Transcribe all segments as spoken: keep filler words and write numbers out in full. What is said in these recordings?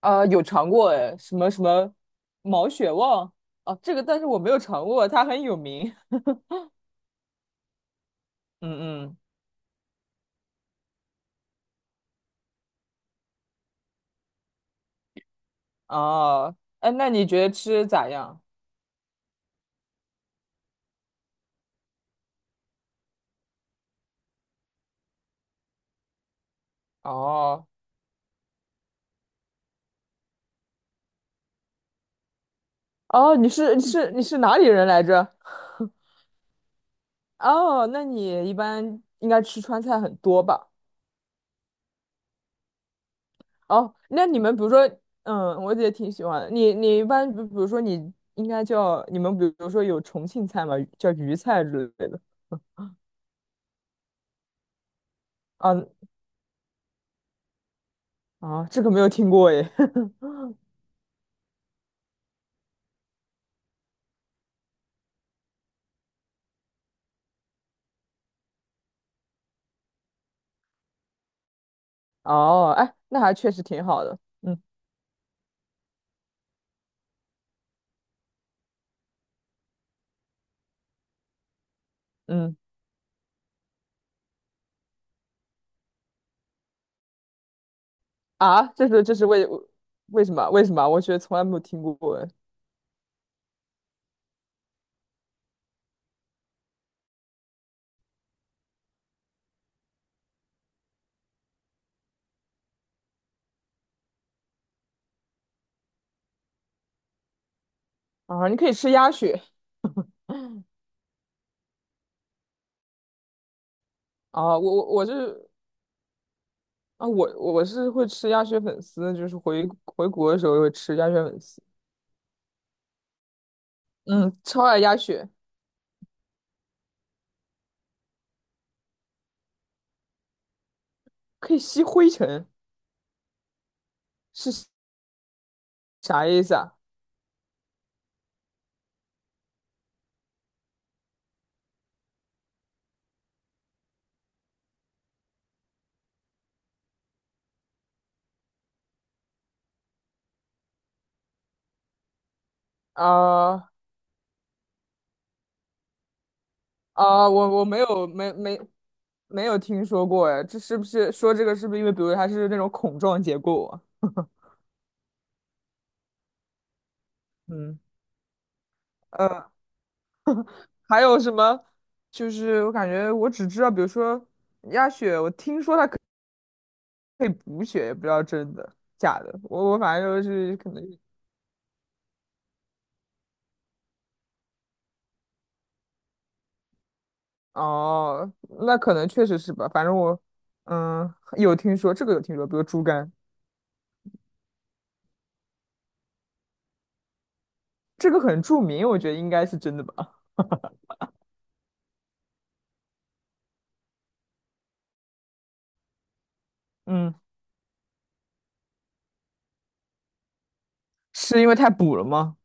啊，有尝过哎，什么什么毛血旺。哦，这个但是我没有尝过，它很有名。嗯嗯。哦，哎，那你觉得吃咋样？哦哦，你是你是你是哪里人来着？哦，那你一般应该吃川菜很多吧？哦，那你们比如说，嗯，我也挺喜欢的。你你一般比比如说你应该叫你们比如说有重庆菜嘛，叫渝菜之类的。啊啊，这个没有听过哎。哦，哎，那还确实挺好的。嗯嗯。啊，这是这是为为什么为什么？我觉得从来没有听过哎。啊，你可以吃鸭血。啊！我我我是啊，我我是会吃鸭血粉丝，就是回回国的时候会吃鸭血粉丝。嗯，超爱鸭血。可以吸灰尘，是啥意思啊？啊啊，我我没有没没没有听说过哎，这是不是说这个是不是因为比如它是那种孔状结构啊？嗯。呃还有什么？就是我感觉我只知道，比如说鸭血，我听说它可可以补血，也不知道真的假的。我我反正就是可能。哦，那可能确实是吧。反正我嗯有听说，这个有听说，比如猪肝，这个很著名，我觉得应该是真的吧。嗯，是因为太补了吗？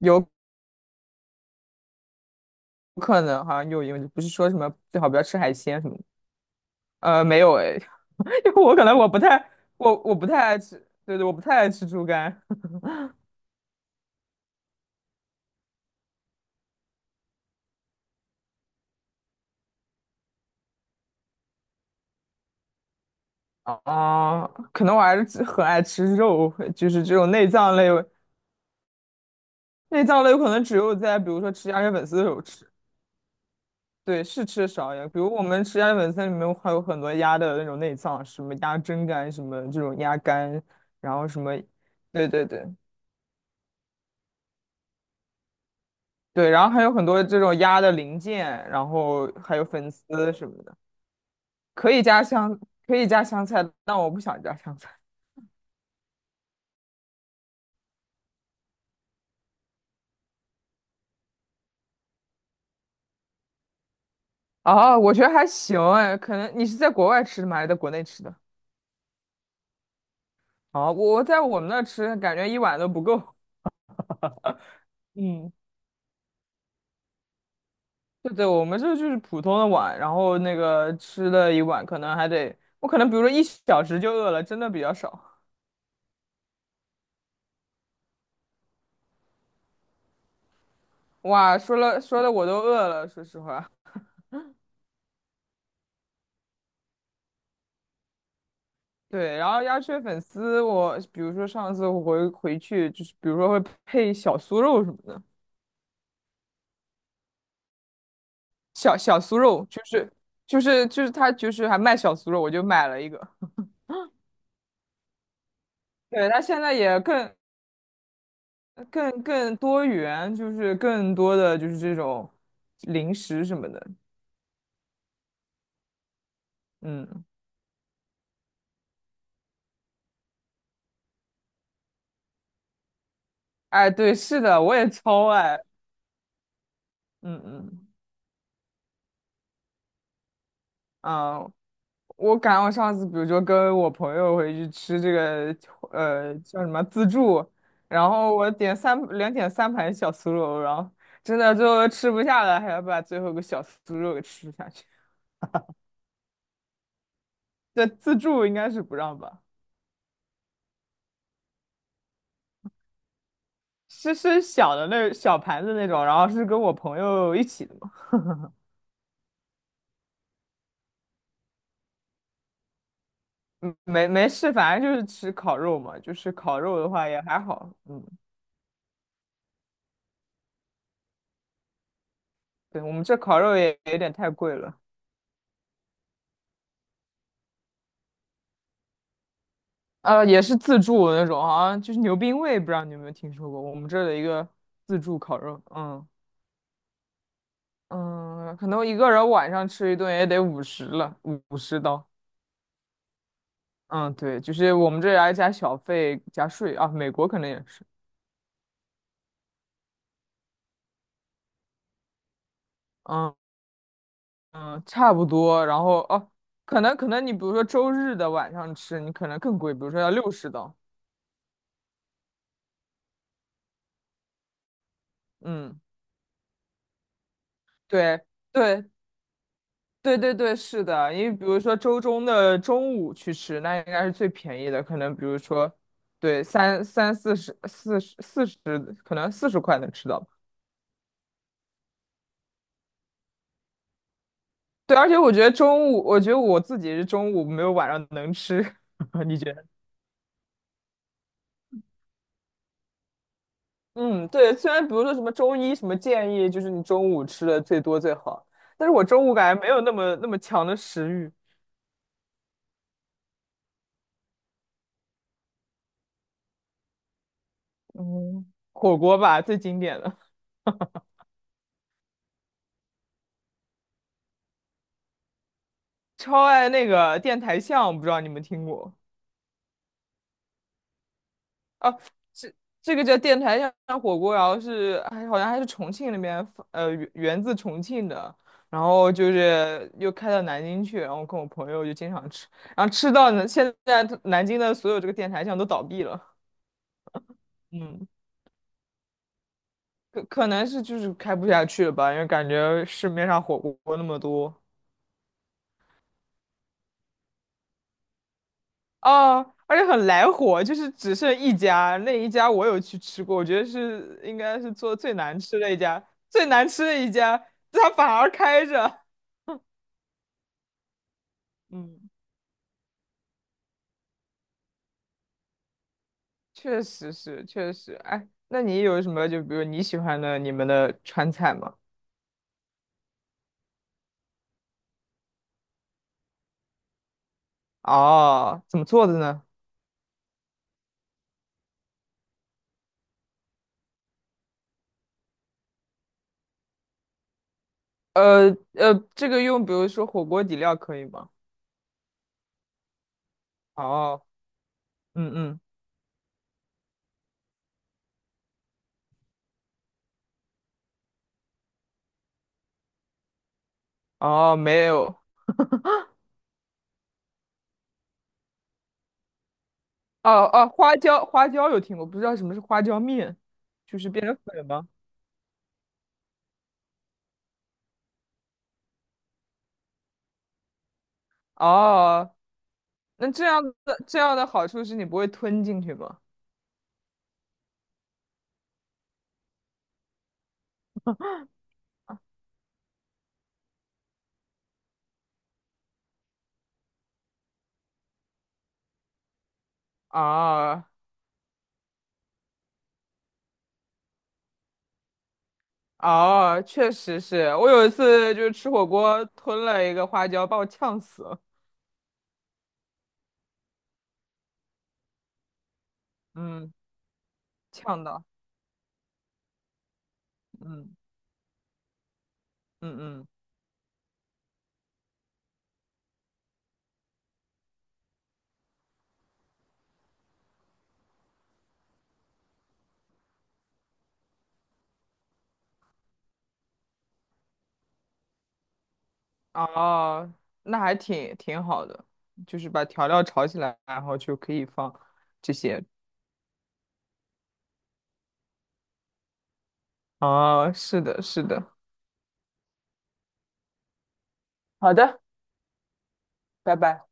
有可能，好像有。因为不是说什么最好不要吃海鲜什么的。呃，没有诶，因为我可能我不太我我不太爱吃，对对，我不太爱吃猪肝。啊，可能我还是很爱吃肉，就是这种内脏类。内脏类有可能只有在比如说吃鸭血粉丝的时候吃，对，是吃的少一点。比如我们吃鸭血粉丝里面还有很多鸭的那种内脏，什么鸭胗肝，什么这种鸭肝，然后什么，对对对对，然后还有很多这种鸭的零件，然后还有粉丝什么的。可以加香，可以加香菜，但我不想加香菜。哦，我觉得还行哎。可能你是在国外吃的吗？还是在国内吃的？好，我在我们那吃，感觉一碗都不够。嗯，对对，我们这就是普通的碗，然后那个吃了一碗，可能还得，我可能比如说一小时就饿了，真的比较少。哇，说了说的我都饿了，说实话。对，然后鸭血粉丝我，比如说上次我回回去，就是比如说会配小酥肉什么的。小小酥肉就是就是就是他就是还卖小酥肉，我就买了一个。对，他现在也更呃更更多元，就是更多的就是这种零食什么的。嗯，哎，对，是的，我也超爱。嗯嗯嗯。我感我上次比如说跟我朋友回去吃这个呃叫什么自助，然后我点三两点三盘小酥肉，然后真的最后吃不下了，还要把最后一个小酥肉给吃下去。对，自助应该是不让吧。是是小的那小盘子那种，然后是跟我朋友一起的。嗯，没没事，反正就是吃烤肉嘛，就是烤肉的话也还好。嗯，对，我们这烤肉也也有点太贵了。呃，也是自助的那种，好像就是牛冰味，不知道你有没有听说过，我们这儿的一个自助烤肉。嗯嗯，可能一个人晚上吃一顿也得五十了，五五十刀。嗯，对，就是我们这儿还加小费加税啊，美国可能也是。嗯嗯，差不多，然后哦，可能可能你比如说周日的晚上吃，你可能更贵，比如说要六十刀。嗯。对对对对对，是的，因为比如说周中的中午去吃，那应该是最便宜的，可能比如说，对，三三四十、四十、四十，可能四十块能吃到吧。对，而且我觉得中午，我觉得我自己是中午没有晚上能吃。你觉得？嗯，对，虽然比如说什么中医什么建议，就是你中午吃的最多最好，但是我中午感觉没有那么那么强的食欲。嗯，火锅吧，最经典的，超爱那个电台巷，不知道你们听过。哦，这这个叫电台巷火锅，然后是还好像还是重庆那边发呃，源源自重庆的，然后就是又开到南京去，然后跟我朋友就经常吃，然后吃到呢，现在南京的所有这个电台巷都倒闭了。嗯，可可能是就是开不下去了吧，因为感觉市面上火锅那么多。哦，而且很来火，就是只剩一家，那一家我有去吃过，我觉得是应该是做最难吃的一家，最难吃的一家，它反而开着。嗯，确实是，确实，哎，那你有什么就比如你喜欢的你们的川菜吗？哦，怎么做的呢？呃呃，这个用比如说火锅底料可以吗？哦，嗯嗯，哦，没有，哦哦，花椒花椒有听过，不知道什么是花椒面，就是变成粉吗？哦，那这样的这样的好处是你不会吞进去吗？啊啊，确实是我有一次就是吃火锅吞了一个花椒，把我呛死了。嗯，呛到。嗯嗯嗯。哦，那还挺挺好的，就是把调料炒起来，然后就可以放这些。哦，是的，是的。好的，拜拜。